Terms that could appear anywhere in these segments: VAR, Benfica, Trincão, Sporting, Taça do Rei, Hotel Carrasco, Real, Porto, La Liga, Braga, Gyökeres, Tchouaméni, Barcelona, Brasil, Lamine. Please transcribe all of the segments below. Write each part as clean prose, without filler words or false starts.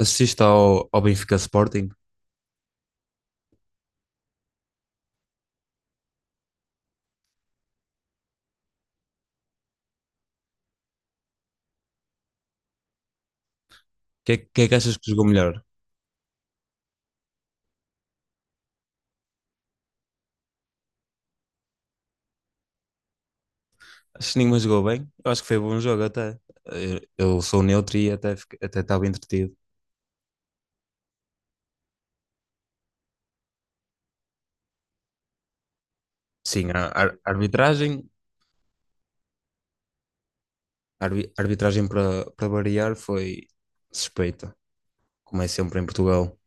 Assististe ao Benfica Sporting, que é que achas que jogou melhor? Acho que nenhuma jogou bem. Eu acho que foi bom jogo até. Eu sou neutro e até até estava entretido. Sim, a arbitragem, arbitragem para variar foi suspeita, como é sempre em Portugal.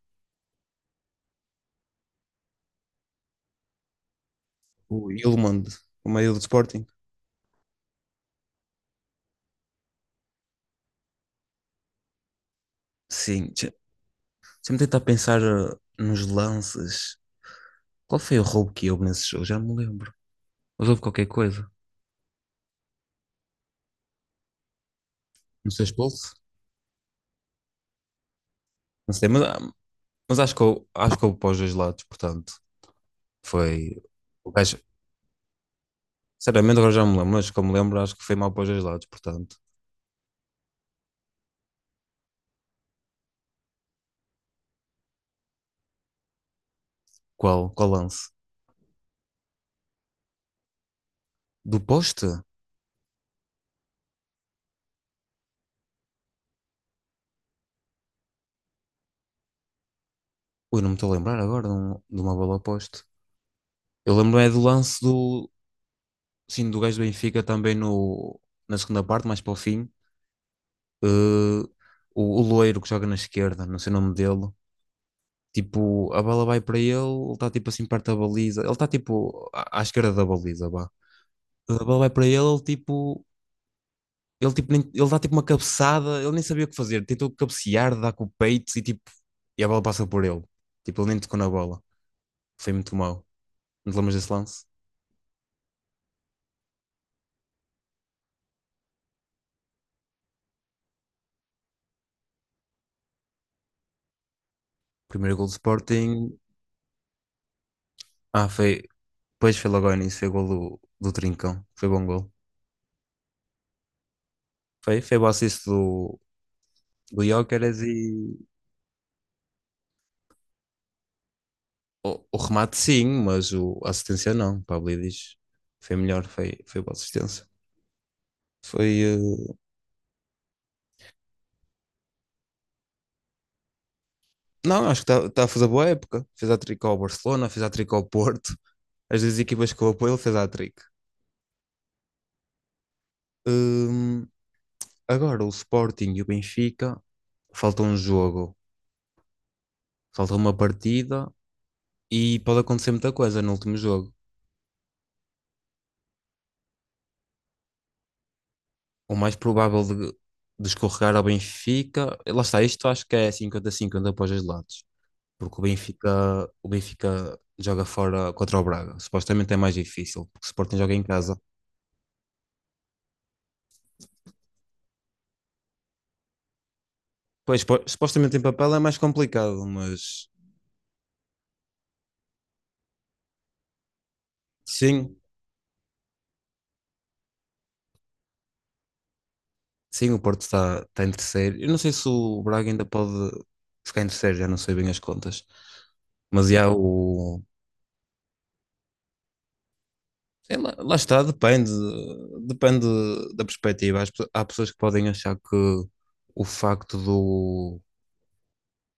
O Ilmond, o meio do Sporting. Sim, deixa-me tentar pensar nos lances. Qual foi o roubo que houve nesse jogo? Já não me lembro. Mas houve qualquer coisa. Não sei, expulso? Não sei, mas acho que eu para os dois lados, portanto, foi o gajo. Sinceramente, agora já me lembro, mas como me lembro, acho que foi mal para os dois lados, portanto. Qual lance? Do poste? Ui, não me estou a lembrar agora de uma bola ao poste. Eu lembro é do lance do, sim, do gajo do Benfica também no, na segunda parte, mais para o fim. Eh, o loiro que joga na esquerda, não sei o nome dele. Tipo, a bola vai para ele, ele está tipo assim perto da baliza. Ele está tipo à esquerda da baliza, vá. A bola vai para ele, ele dá tipo uma cabeçada, ele nem sabia o que fazer. Tentou cabecear, dar com o peito e tipo. E a bola passa por ele. Tipo, ele nem tocou na bola. Foi muito mau. Não te lembras desse lance? Primeiro gol do Sporting. Ah, foi. Depois foi logo ao início, foi gol do Trincão. Foi bom gol. Foi o assist do Gyökeres e. O remate sim, mas o, a assistência não. Pablo diz. Foi melhor, foi boa assistência. Foi. Não, acho que está a fazer boa época. Fez a tricô ao Barcelona, fez a tricô ao Porto. As duas equipas que eu apoio, ele fez hat-trick. Hum, Agora o Sporting e o Benfica, falta um jogo, falta uma partida e pode acontecer muita coisa no último jogo. O mais provável de escorregar ao Benfica, lá está, isto acho que é 50-50 para os dois lados, porque o Benfica joga fora contra o Braga, supostamente é mais difícil, porque o Sporting joga em casa. Pois, supostamente em papel é mais complicado, mas sim. Sim, o Porto está em terceiro. Eu não sei se o Braga ainda pode ficar em terceiro, já não sei bem as contas. Mas já o. Sei lá, lá está, depende. Depende da perspectiva. Há pessoas que podem achar que o facto do,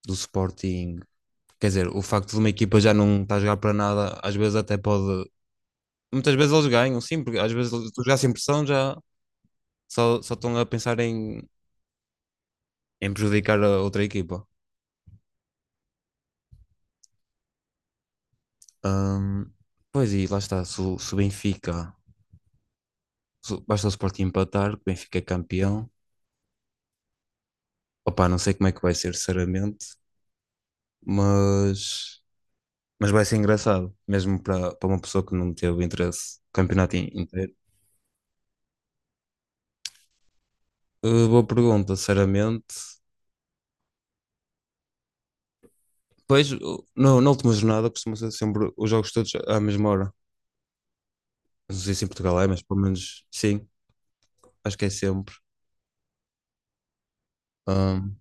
do Sporting. Quer dizer, o facto de uma equipa já não estar a jogar para nada, às vezes até pode. Muitas vezes eles ganham, sim, porque às vezes tu já sem pressão já só estão a pensar em prejudicar a outra equipa. Ahm, Pois e lá está, se, o se o Benfica, se o- basta o Sporting empatar, que o Benfica é campeão. Opa, não sei como é que vai ser, sinceramente, mas, mas, vai ser engraçado, mesmo para uma pessoa que não teve interesse no campeonato inteiro. Boa pergunta, sinceramente. Pois, o- no, na última jornada costuma ser sempre os jogos todos à mesma hora. Não sei se em Portugal é, mas pelo menos sim, acho que é sempre. Ahm,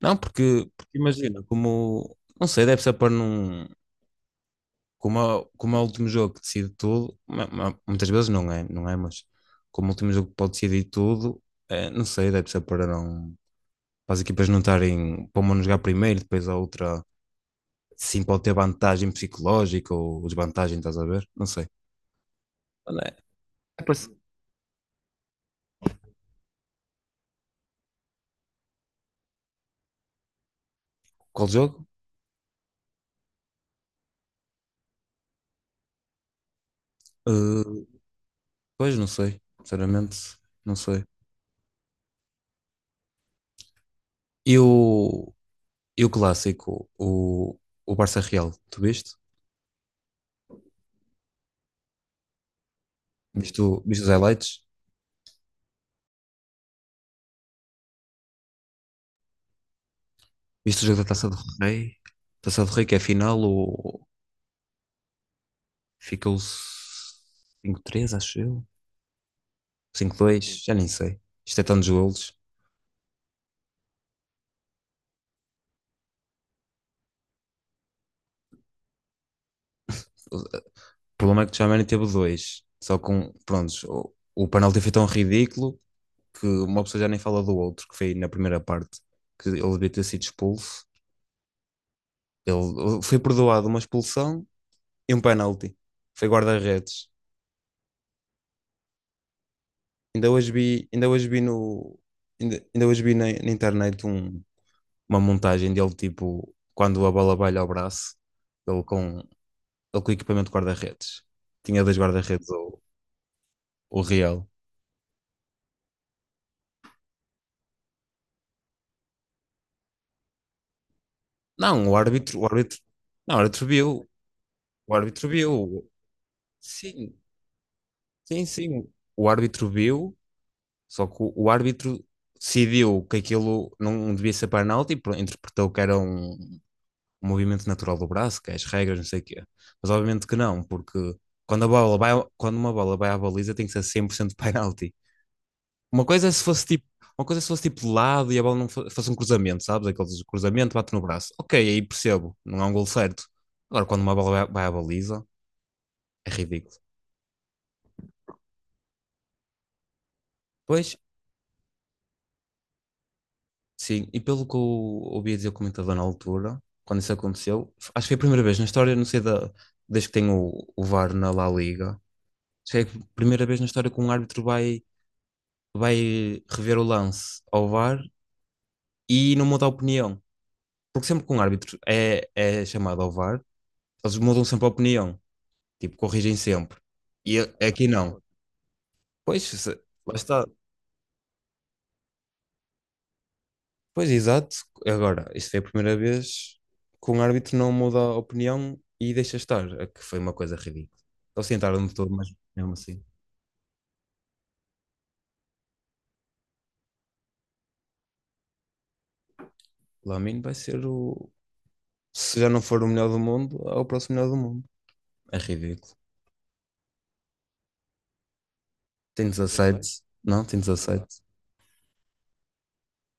não, porque imagina, como, não sei, deve ser para não. Como é o último jogo que decide tudo, muitas vezes não é, mas como o último jogo que pode decidir tudo, não sei, deve ser para não, para as equipas não estarem, para uma não jogar primeiro, depois a outra, sim, pode ter vantagem psicológica ou desvantagem, estás a ver? Não sei. Não é? É para se- Qual jogo? Eh, Pois, não sei, sinceramente, não sei. E o, e o clássico, o Barça Real, tu viste? Viste os highlights? Viste o jogo da Taça do Rei? Taça do Rei que é a final. Ficou 5 três acho eu. 5 dois já nem sei. Isto é tantos golos. O problema é que o Tchouaméni teve dois. Só com, prontos, o penalti foi tão ridículo que uma pessoa já nem fala do outro, que foi na primeira parte, que ele devia ter sido expulso. Ele foi perdoado uma expulsão e um penalti. Foi guarda-redes. Ainda hoje vi no, ainda, Ainda hoje vi na internet uma montagem dele, tipo, quando a bola vai ao braço, ele com, ele com equipamento de guarda-redes. Tinha dois guarda-redes, o Real. Não, não, o árbitro viu, o árbitro viu. Sim, sim, sim. O árbitro viu, só que o árbitro decidiu que aquilo não devia ser penalti, e interpretou que era um movimento natural do braço, que é as regras, não sei o quê. Mas obviamente que não, porque quando a bola vai, quando uma bola vai à baliza tem que ser 100% penalti. Uma coisa é se fosse tipo, uma coisa é se fosse tipo de lado e a bola não fosse um cruzamento, sabes? Aqueles cruzamento, bate no braço. Ok, aí percebo, não é um gol certo. Agora, quando uma bola vai à baliza, é ridículo. Pois, sim, e pelo que eu ouvi dizer o comentador na altura, quando isso aconteceu, acho que foi a primeira vez na história, não sei da, desde que tem o VAR na La Liga, acho que é a primeira vez na história que um árbitro vai, rever o lance ao VAR e não muda a opinião. Porque sempre que um árbitro é chamado ao VAR, eles mudam sempre a opinião. Tipo, corrigem sempre. E aqui não. Pois, lá está. Pois, exato. Agora, isto foi a primeira vez que um árbitro não muda a opinião e deixa estar, a que foi uma coisa ridícula. Eles tentaram-me todo, mas mesmo assim. Lamine vai ser o. Se já não for o melhor do mundo, é o próximo melhor do mundo. É ridículo. Tem Ele Não, tem 17.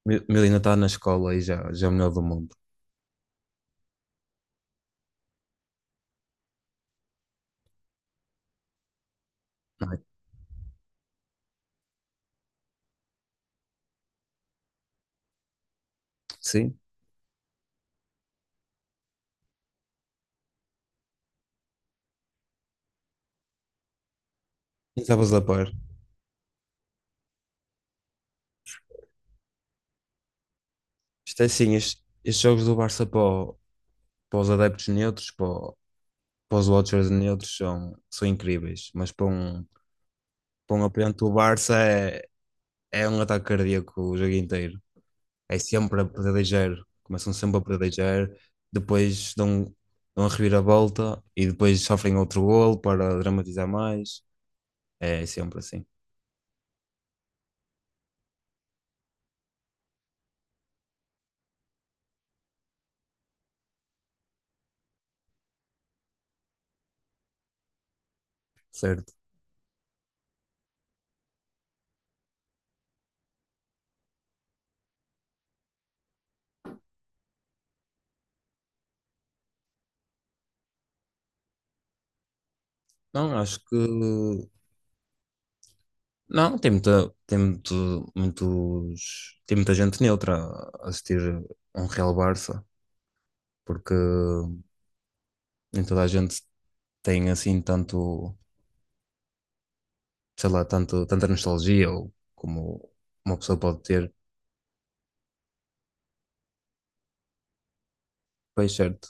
Milena está na escola e já, é o melhor do mundo. Não é? Sim. E estavas a par. Isto é assim, estes jogos do Barça para os adeptos neutros, para os Watchers neutros são incríveis, mas para um apoiante do Barça é um ataque cardíaco o jogo inteiro. É sempre a proteger, começam sempre a proteger, depois dão a reviravolta e depois sofrem outro golo para dramatizar mais. É sempre assim, certo? Não, acho que. Não, tem muita, tem muito, muitos, tem muita gente neutra a assistir a um Real Barça, porque nem toda a gente tem assim tanto sei lá, tanto, tanta nostalgia ou como uma pessoa pode ter, pois certo.